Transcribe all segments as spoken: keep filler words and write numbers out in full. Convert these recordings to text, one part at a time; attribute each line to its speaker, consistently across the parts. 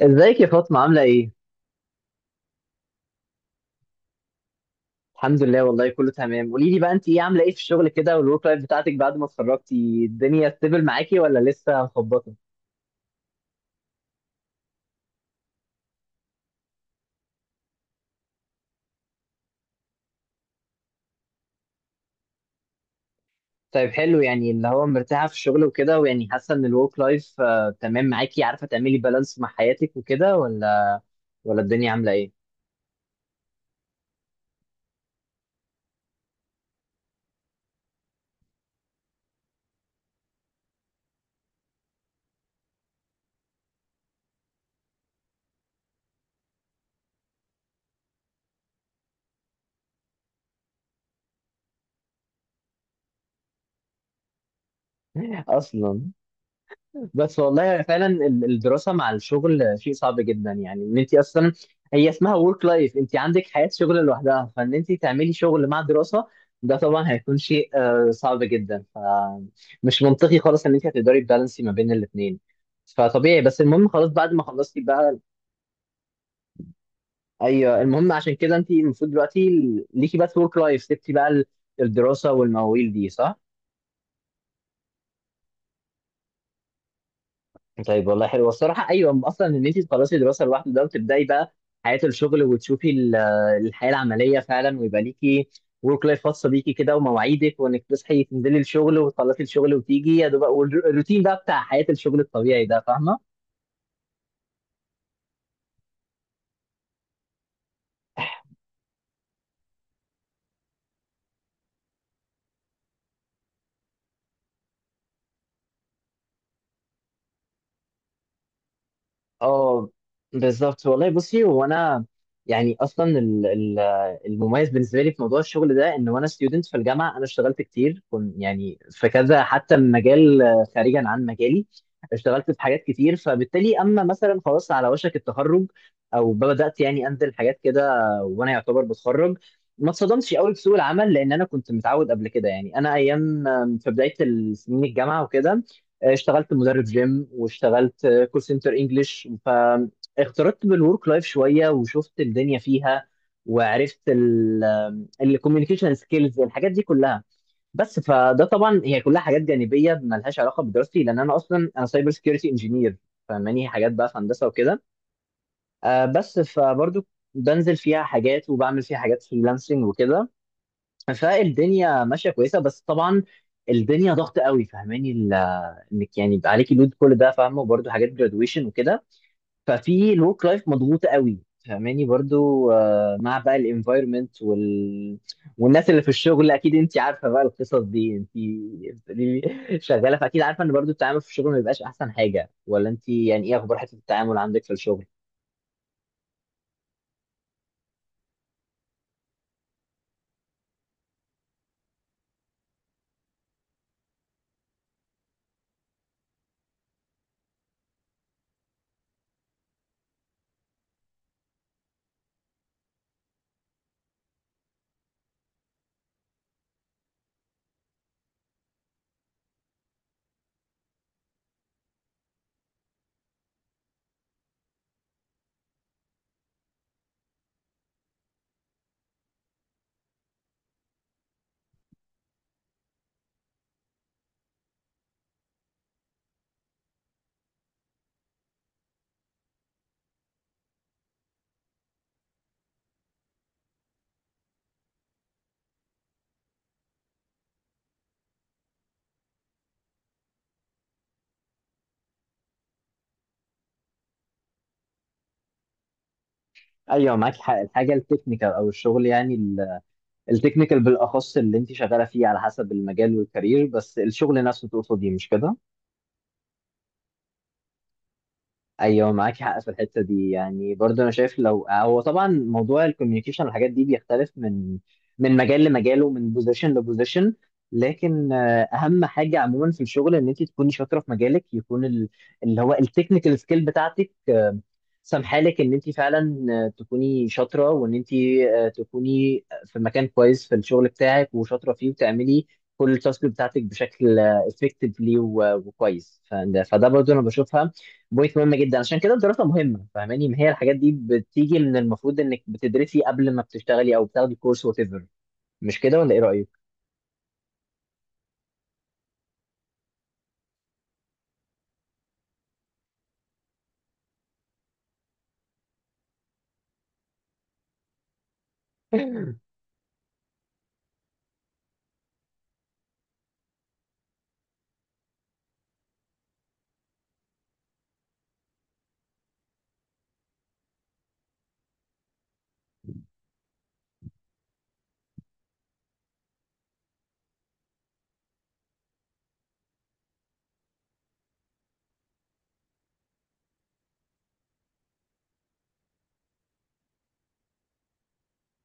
Speaker 1: ازيك يا فاطمة عاملة ايه؟ الحمد لله والله كله تمام. قولي لي بقى، انت ايه عاملة ايه في الشغل كده، والورك لايف بتاعتك بعد ما اتخرجتي الدنيا ستيبل معاكي ولا لسه مخبطة؟ طيب حلو، يعني اللي هو مرتاحة في الشغل وكده ويعني حاسة ان الورك لايف تمام معاكي، عارفة تعملي بالانس مع حياتك وكده، ولا ولا الدنيا عاملة ايه؟ اصلا. بس والله يعني فعلا ال- الدراسه مع الشغل شيء صعب جدا، يعني ان انت اصلا هي اسمها ورك لايف، انت عندك حياه شغل لوحدها، فان انت تعملي شغل مع دراسه ده طبعا هيكون شيء آه، صعب جدا. فمش منطقي خالص ان انت هتقدري تبالانسي ما بين الاثنين، فطبيعي. بس المهم خلاص بعد ما خلصتي بقى، ايوه المهم، عشان كده انت المفروض دلوقتي ليكي بس ورك لايف، سبتي بقى ال- الدراسه والمواويل دي، صح؟ طيب والله حلو، والصراحة أيوة أصلا إن أنت تخلصي دراسة لوحده ده وتبدأي بقى حياة الشغل وتشوفي ال- الحياة العملية فعلا، ويبقى ليكي ورك لايف خاصة بيكي كده، ومواعيدك، وإنك تصحي تنزلي الشغل وتخلصي الشغل وتيجي يا دوب الروتين بقى بتاع حياة الشغل الطبيعي ده، فاهمة؟ اه بالظبط والله. بصي، هو انا يعني اصلا ال- ال- المميز بالنسبه لي في موضوع الشغل ده ان وانا ستودنت في الجامعه انا اشتغلت كتير، كنت يعني في كذا حتى مجال آه، خارجا عن مجالي. اشتغلت في حاجات كتير، فبالتالي اما مثلا خلاص على وشك التخرج او بدات يعني انزل حاجات كده وانا يعتبر بتخرج، ما اتصدمتش قوي بسوق العمل، لان انا كنت متعود قبل كده. يعني انا ايام آم، في بدايه سنين الجامعه وكده اشتغلت مدرب جيم، واشتغلت كول سنتر انجلش، فاختلطت بالورك لايف شويه وشفت الدنيا فيها، وعرفت الكوميونيكيشن سكيلز الحاجات دي كلها. بس فده طبعا هي كلها حاجات جانبيه ملهاش علاقه بدراستي، لان انا اصلا انا سايبر سكيورتي انجينير، فماني حاجات بقى في هندسه وكده آه، بس فبرضو بنزل فيها حاجات وبعمل فيها حاجات فريلانسنج وكده. فالدنيا ماشيه كويسه، بس طبعا الدنيا ضغط قوي، فاهماني ال- انك يعني يبقى عليكي لود كل ده، فاهمه، وبرضه حاجات جرادويشن وكده، ففي الورك لايف مضغوطه قوي، فاهماني. برضو آه، مع بقى الانفايرمنت وال... والناس اللي في الشغل، اكيد انت عارفه بقى القصص دي، انت بتقولي لي شغاله فاكيد عارفه ان برضو التعامل في الشغل ما بيبقاش احسن حاجه، ولا انت يعني ايه اخبار حته التعامل عندك في الشغل؟ ايوه معاكي حق، الحاجه التكنيكال او الشغل، يعني ال- التكنيكال بالاخص اللي انت شغاله فيه على حسب المجال والكارير، بس الشغل نفسه تقصدي، مش كده؟ ايوه معاك حق في الحته دي. يعني برضه انا شايف، لو هو طبعا موضوع الكوميونيكيشن والحاجات دي بيختلف من من مجال لمجال ومن بوزيشن لبوزيشن، لكن آه، اهم حاجه عموما في الشغل ان انت تكوني شاطره في مجالك، يكون ال- اللي هو التكنيكال سكيل بتاعتك آه، سامحالك ان انت فعلا آه، تكوني شاطره، وان انت آه، تكوني في مكان كويس في الشغل بتاعك وشاطره فيه، وتعملي كل التاسك بتاعتك بشكل افكتفلي وكويس. فده فده برضه انا بشوفها بوينت مهم جدا. عشان كده الدراسه مهمه، فاهماني؟ ما هي الحاجات دي بتيجي من المفروض انك بتدرسي قبل ما بتشتغلي، او بتاخدي كورس وات ايفر، مش كده ولا ايه رايك؟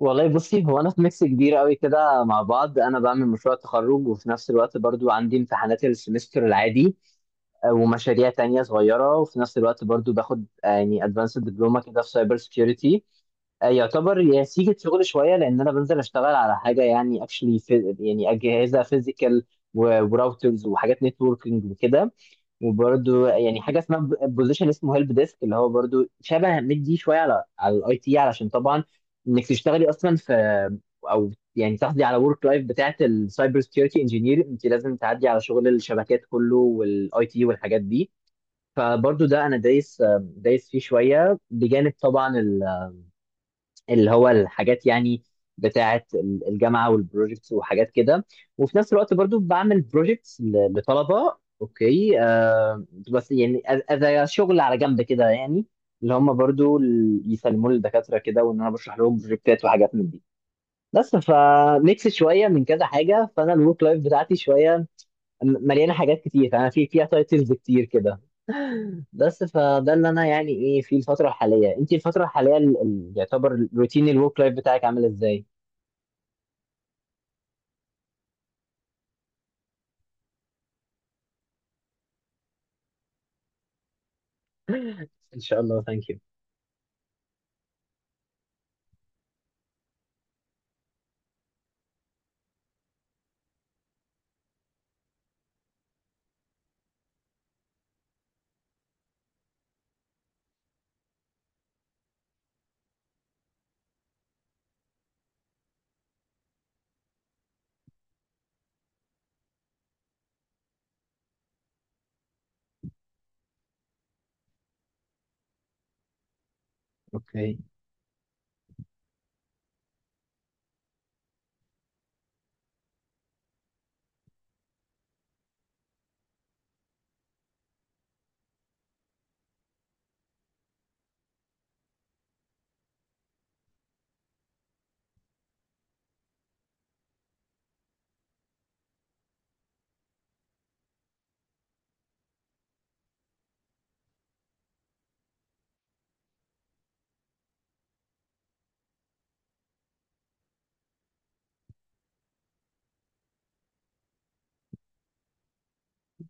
Speaker 1: والله بصي، هو انا في ميكس كبير قوي كده مع بعض. انا بعمل مشروع تخرج، وفي نفس الوقت برضو عندي امتحانات السمستر العادي ومشاريع تانية صغيرة، وفي نفس الوقت برضو باخد آه، يعني ادفانس دبلومة كده في سايبر سيكيورتي، يعتبر يا سيجة شغل شوية، لأن أنا بنزل أشتغل على حاجة يعني اكشلي، يعني أجهزة فيزيكال وراوترز وحاجات نتوركينج وكده، وبرده يعني حاجه اسمها بوزيشن اسمه هيلب ديسك، اللي هو برده شبه مدي شويه على على الاي تي. علشان طبعا انك تشتغلي اصلا في، او يعني تحصلي على ورك لايف بتاعه السايبر سكيورتي انجينير، انت لازم تعدي على شغل الشبكات كله والاي تي والحاجات دي. فبرضه ده انا دايس دايس فيه شويه، بجانب طبعا اللي هو الحاجات يعني بتاعة ال- الجامعة والبروجيكتس وحاجات كده، وفي نفس الوقت برضو بعمل بروجيكتس لطلبة اوكي آه بس، يعني اذا شغل على جنب كده، يعني اللي هم برضو ال- يسلموا لي الدكاترة كده، وان انا بشرح لهم بروجكتات وحاجات من دي. بس فميكس شوية من كذا حاجة، فانا الورك لايف بتاعتي شوية م- مليانة حاجات كتير، انا في فيها تايتلز كتير كده. بس فده اللي انا يعني ايه في الفتره الحاليه. انت الفتره الحاليه ال- ال- يعتبر روتين الورك لايف بتاعك عامل ازاي؟ ان شاء الله، ثانك يو. اوكي،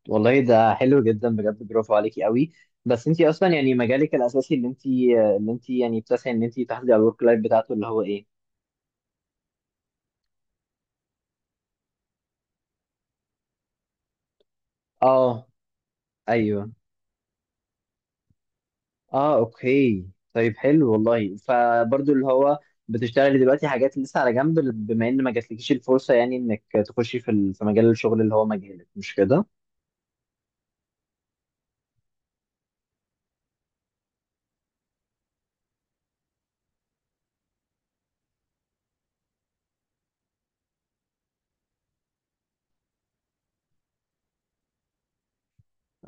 Speaker 1: والله ده حلو جدا، بجد برافو عليكي قوي. بس انت اصلا يعني مجالك الاساسي اللي انت اللي انت يعني بتسعي ان انت تحافظي على الورك لايف بتاعته اللي هو ايه؟ اه. ايوه. اه اوكي. طيب حلو والله، فبرضو اللي هو بتشتغلي دلوقتي حاجات لسه على جنب، بما ان ما جاتلكيش الفرصه يعني انك تخشي في ال- في مجال الشغل اللي هو مجالك، مش كده؟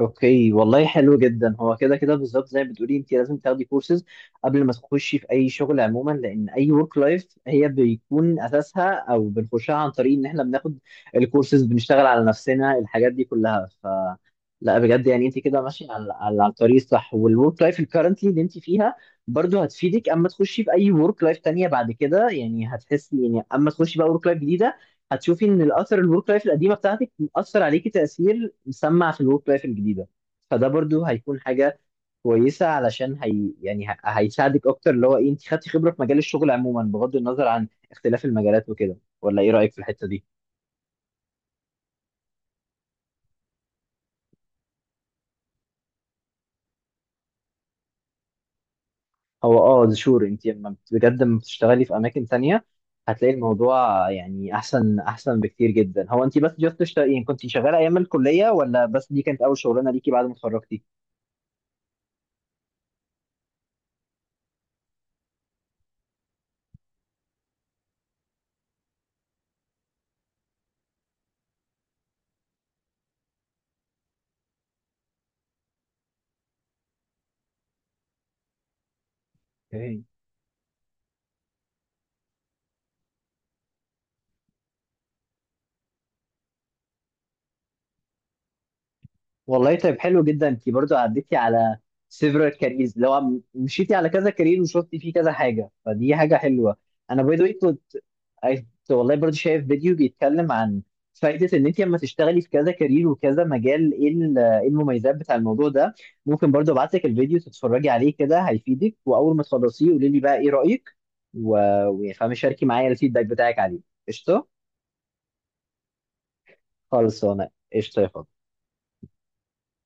Speaker 1: اوكي، والله حلو جدا. هو كده كده بالظبط زي ما بتقولي، انت لازم تاخدي كورسز قبل ما تخشي في اي شغل عموما، لان اي ورك لايف هي بيكون اساسها او بنخشها عن طريق ان احنا بناخد الكورسز، بنشتغل على نفسنا، الحاجات دي كلها. ف لا بجد يعني انت كده ماشيه على على على الطريق الصح، والورك لايف الكرنتلي اللي انت فيها برضو هتفيدك اما تخشي في اي ورك لايف تانية بعد كده. يعني هتحسي، يعني اما تخشي بقى ورك لايف جديده، هتشوفي ان الاثر الورك لايف القديمه بتاعتك اثر عليكي تاثير مسمع في الورك لايف الجديده، فده برضو هيكون حاجه كويسه، علشان هي يعني ه- هيساعدك اكتر، اللي هو ايه، انت خدتي خبره في مجال الشغل عموما بغض النظر عن اختلاف المجالات وكده، ولا ايه رايك في الحته دي؟ هو اه شور، انت لما بت- بجد لما بتشتغلي في اماكن تانية هتلاقي الموضوع يعني احسن احسن بكتير جدا. هو انت بس جاست تشتغلي، يعني كنت شغاله ايام الكليه، ولا بس دي كانت اول شغلانه ليكي بعد ما اتخرجتي؟ والله طيب حلو جدا، انت برضو عديتي على several careers، اللي هو م- مشيتي على كذا كارير وشفتي فيه كذا حاجه، فدي حاجه حلوه. انا باي ذا كنت كنت والله برضو شايف فيديو بيتكلم عن فائده ان انت لما تشتغلي في كذا كارير وكذا مجال، ايه ال- ايه المميزات بتاع الموضوع ده. ممكن برضو ابعت لك الفيديو تتفرجي عليه كده هيفيدك، واول ما تخلصيه قولي لي بقى ايه رايك، و... وفاهمه شاركي معايا الفيدباك بتاعك عليه. قشطه. خلصانه. قشطه يا فندم.